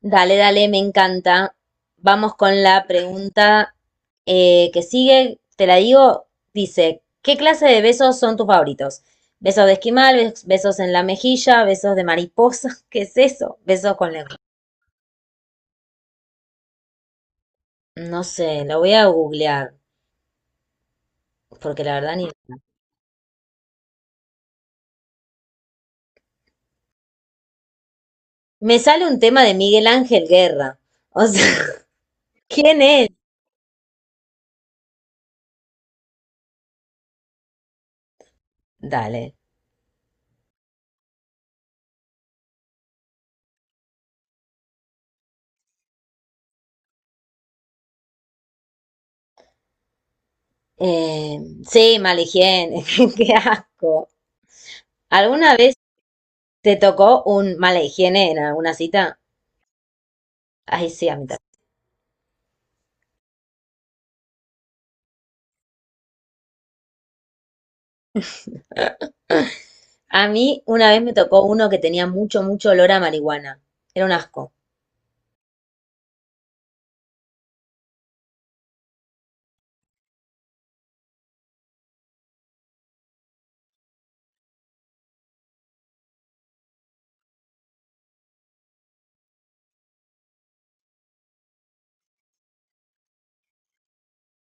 Dale, dale, me encanta. Vamos con la pregunta que sigue. Te la digo. Dice, ¿qué clase de besos son tus favoritos? Besos de esquimal, besos en la mejilla, besos de mariposa. ¿Qué es eso? Besos con lengua. No sé, lo voy a googlear, porque la verdad ni... Me sale un tema de Miguel Ángel Guerra. O sea, ¿quién es? Dale. Eh, sí, mala higiene. Qué asco. ¿Alguna vez te tocó un mala higiene en alguna cita? Ay, sí, a mí también. A mí una vez me tocó uno que tenía mucho olor a marihuana. Era un asco.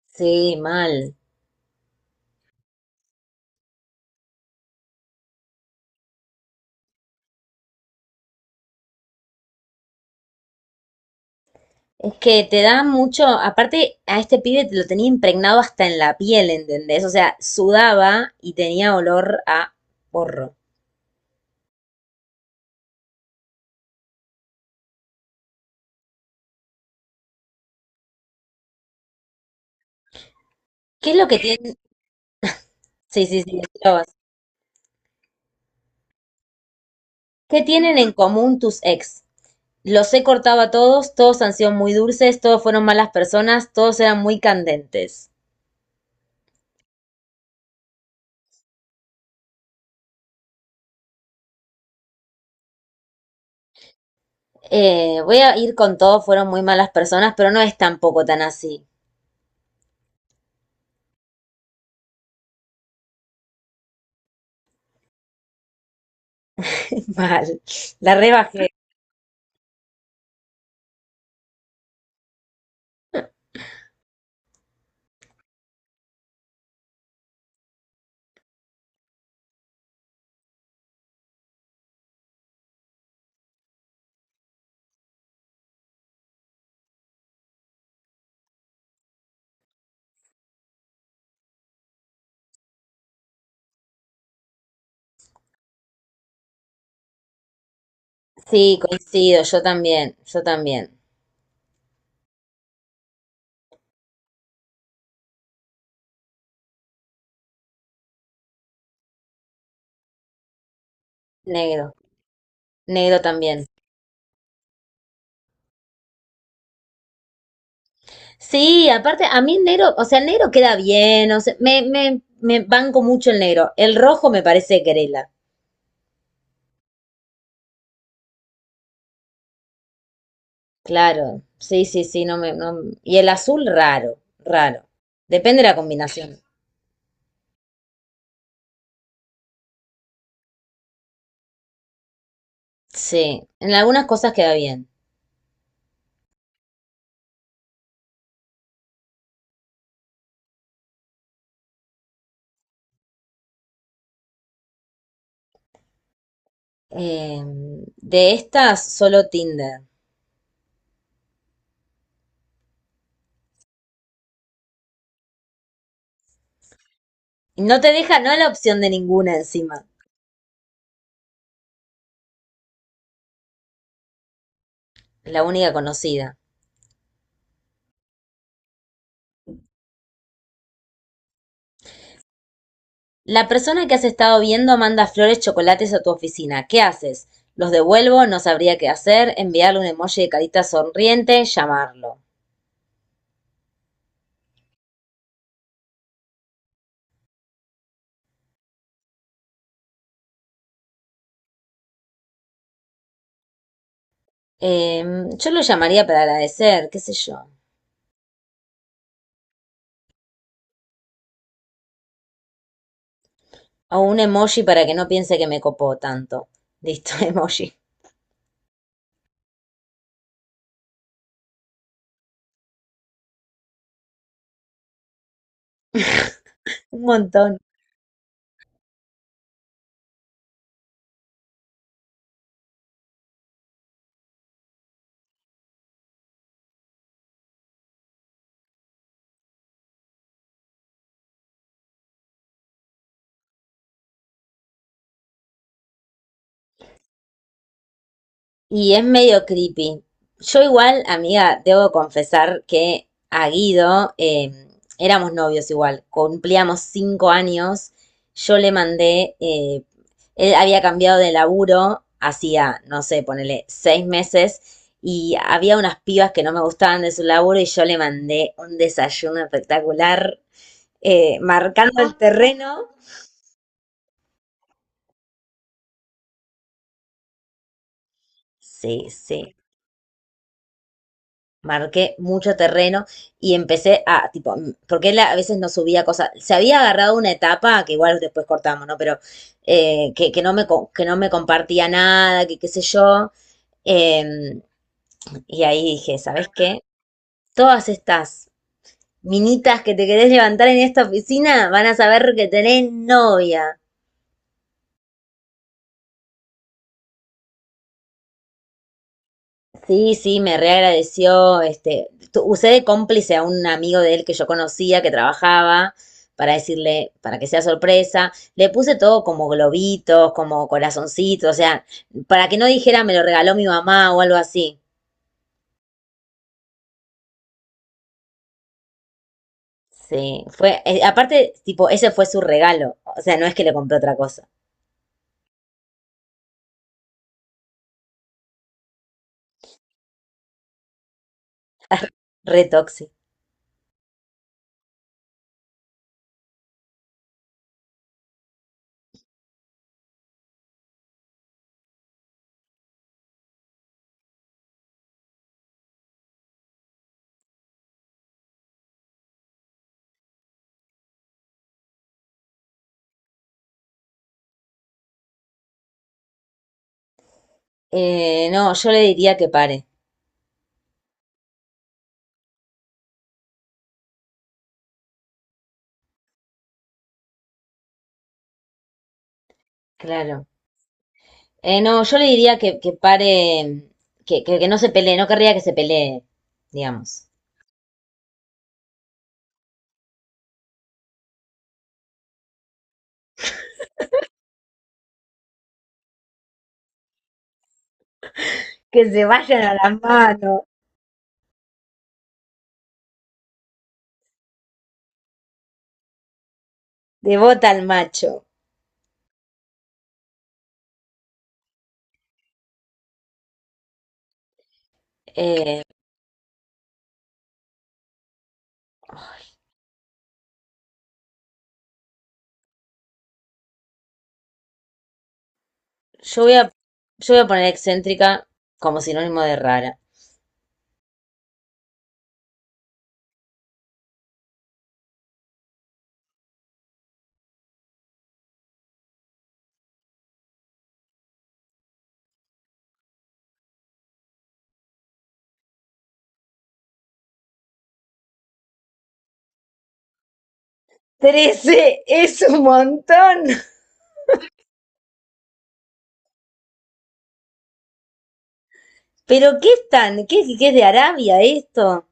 Sí, mal. Es que te da mucho, aparte a este pibe te lo tenía impregnado hasta en la piel, ¿entendés? O sea, sudaba y tenía olor a porro. ¿Qué es lo que tienen? Sí, sí, sí, decilo vos. ¿Qué tienen en común tus ex? Los he cortado a todos, todos han sido muy dulces, todos fueron malas personas, todos eran muy candentes. Voy a ir con todos fueron muy malas personas, pero no es tampoco tan así. Mal. La rebajé. Sí, coincido, yo también, yo también. Negro, negro también. Sí, aparte, a mí el negro, o sea, el negro queda bien, o sea, me banco mucho el negro. El rojo me parece querela. Claro, sí, sí, sí, no me, no- Y el azul, raro, raro. Depende de la combinación. Sí, en algunas cosas queda bien. Eh, de estas, solo Tinder. Y no te deja, no la opción de ninguna encima. La única conocida. La persona que has estado viendo manda flores, chocolates a tu oficina. ¿Qué haces? Los devuelvo, no sabría qué hacer, enviarle un emoji de carita sonriente, llamarlo. Yo lo llamaría para agradecer, qué sé yo. O un emoji para que no piense que me copó tanto. Listo, emoji. Un montón. Y es medio creepy. Yo igual, amiga, debo confesar que a Guido éramos novios igual, cumplíamos 5 años, yo le mandé, él había cambiado de laburo, hacía, no sé, ponele 6 meses, y había unas pibas que no me gustaban de su laburo y yo le mandé un desayuno espectacular, marcando el terreno. Sí, sí. Marqué mucho terreno y empecé a, tipo, porque él a veces no subía cosas, se había agarrado una etapa, que igual después cortamos, ¿no? Pero eh, que, que, no me, que no me compartía nada, que qué sé yo. Eh, y ahí dije, ¿sabes qué? Todas estas minitas que te querés levantar en esta oficina van a saber que tenés novia. Sí, sí, me reagradeció. Este, usé de cómplice a un amigo de él que yo conocía, que trabajaba, para decirle, para que sea sorpresa. Le puse todo como globitos, como corazoncitos, o sea, para que no dijera me lo regaló mi mamá o algo así. Sí, fue, aparte, tipo, ese fue su regalo. O sea, no es que le compré otra cosa. Re tóxico. No, yo le diría que pare. Claro. No, yo le diría que, pare, que no se pelee, no querría que se pelee, digamos. Que se vayan a las manos. De bota al macho. Eh, yo voy a, yo voy a poner excéntrica como sinónimo de rara. 13 es un montón. Pero ¿qué están? ¿Qué es de Arabia esto?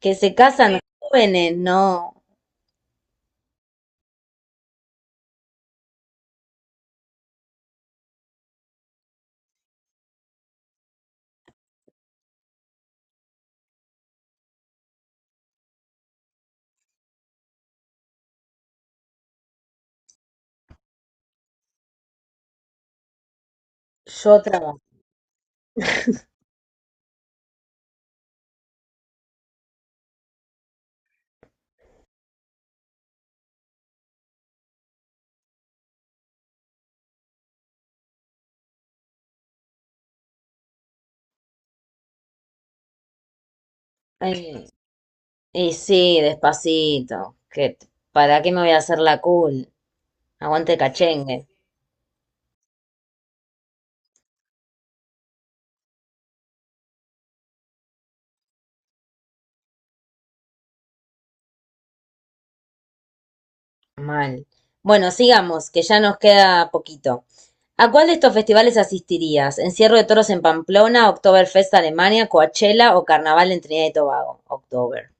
Que se casan jóvenes, no. Yo trabajo. Eh, y sí, despacito. Que, ¿para qué me voy a hacer la cool? Aguante el cachengue. Mal. Bueno, sigamos, que ya nos queda poquito. ¿A cuál de estos festivales asistirías? ¿Encierro de toros en Pamplona, Oktoberfest Alemania, Coachella o Carnaval en Trinidad y Tobago? Oktober.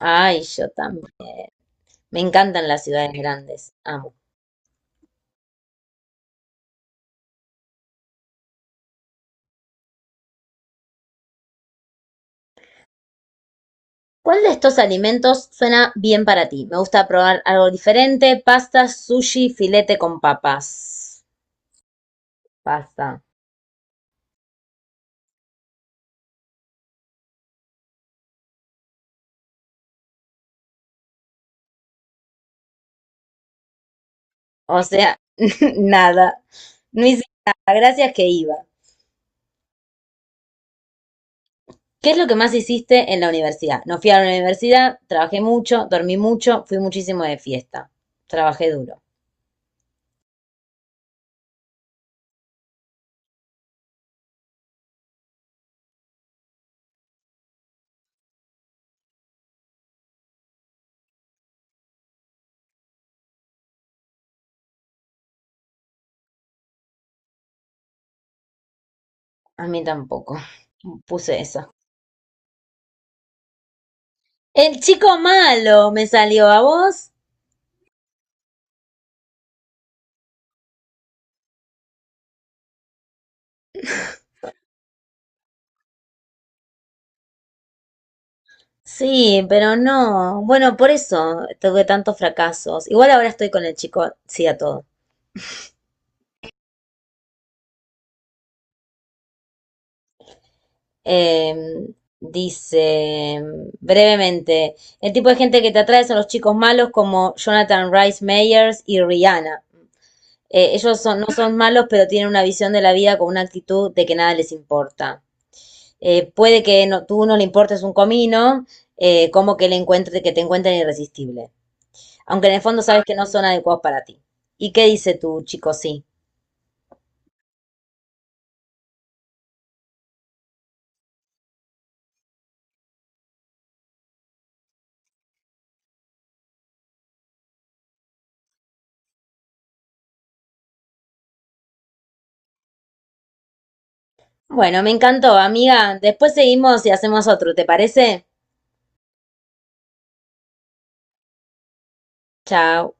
Ay, yo también. Me encantan las ciudades grandes. Amo. ¿Cuál de estos alimentos suena bien para ti? Me gusta probar algo diferente. Pasta, sushi, filete con papas. Pasta. O sea, nada. No hice nada. Gracias que iba. ¿Qué es lo que más hiciste en la universidad? No fui a la universidad, trabajé mucho, dormí mucho, fui muchísimo de fiesta. Trabajé duro. A mí tampoco. Puse eso. El chico malo me salió a vos. Sí, pero no. Bueno, por eso tuve tantos fracasos. Igual ahora estoy con el chico, sí a todo. Em, Dice brevemente, el tipo de gente que te atrae son los chicos malos como Jonathan Rice Meyers y Rihanna. No son malos, pero tienen una visión de la vida con una actitud de que nada les importa. Puede que no, tú no le importes un comino, como que que te encuentren irresistible. Aunque en el fondo sabes que no son adecuados para ti. ¿Y qué dice tu chico sí? Bueno, me encantó, amiga. Después seguimos y hacemos otro, ¿te parece? Chao.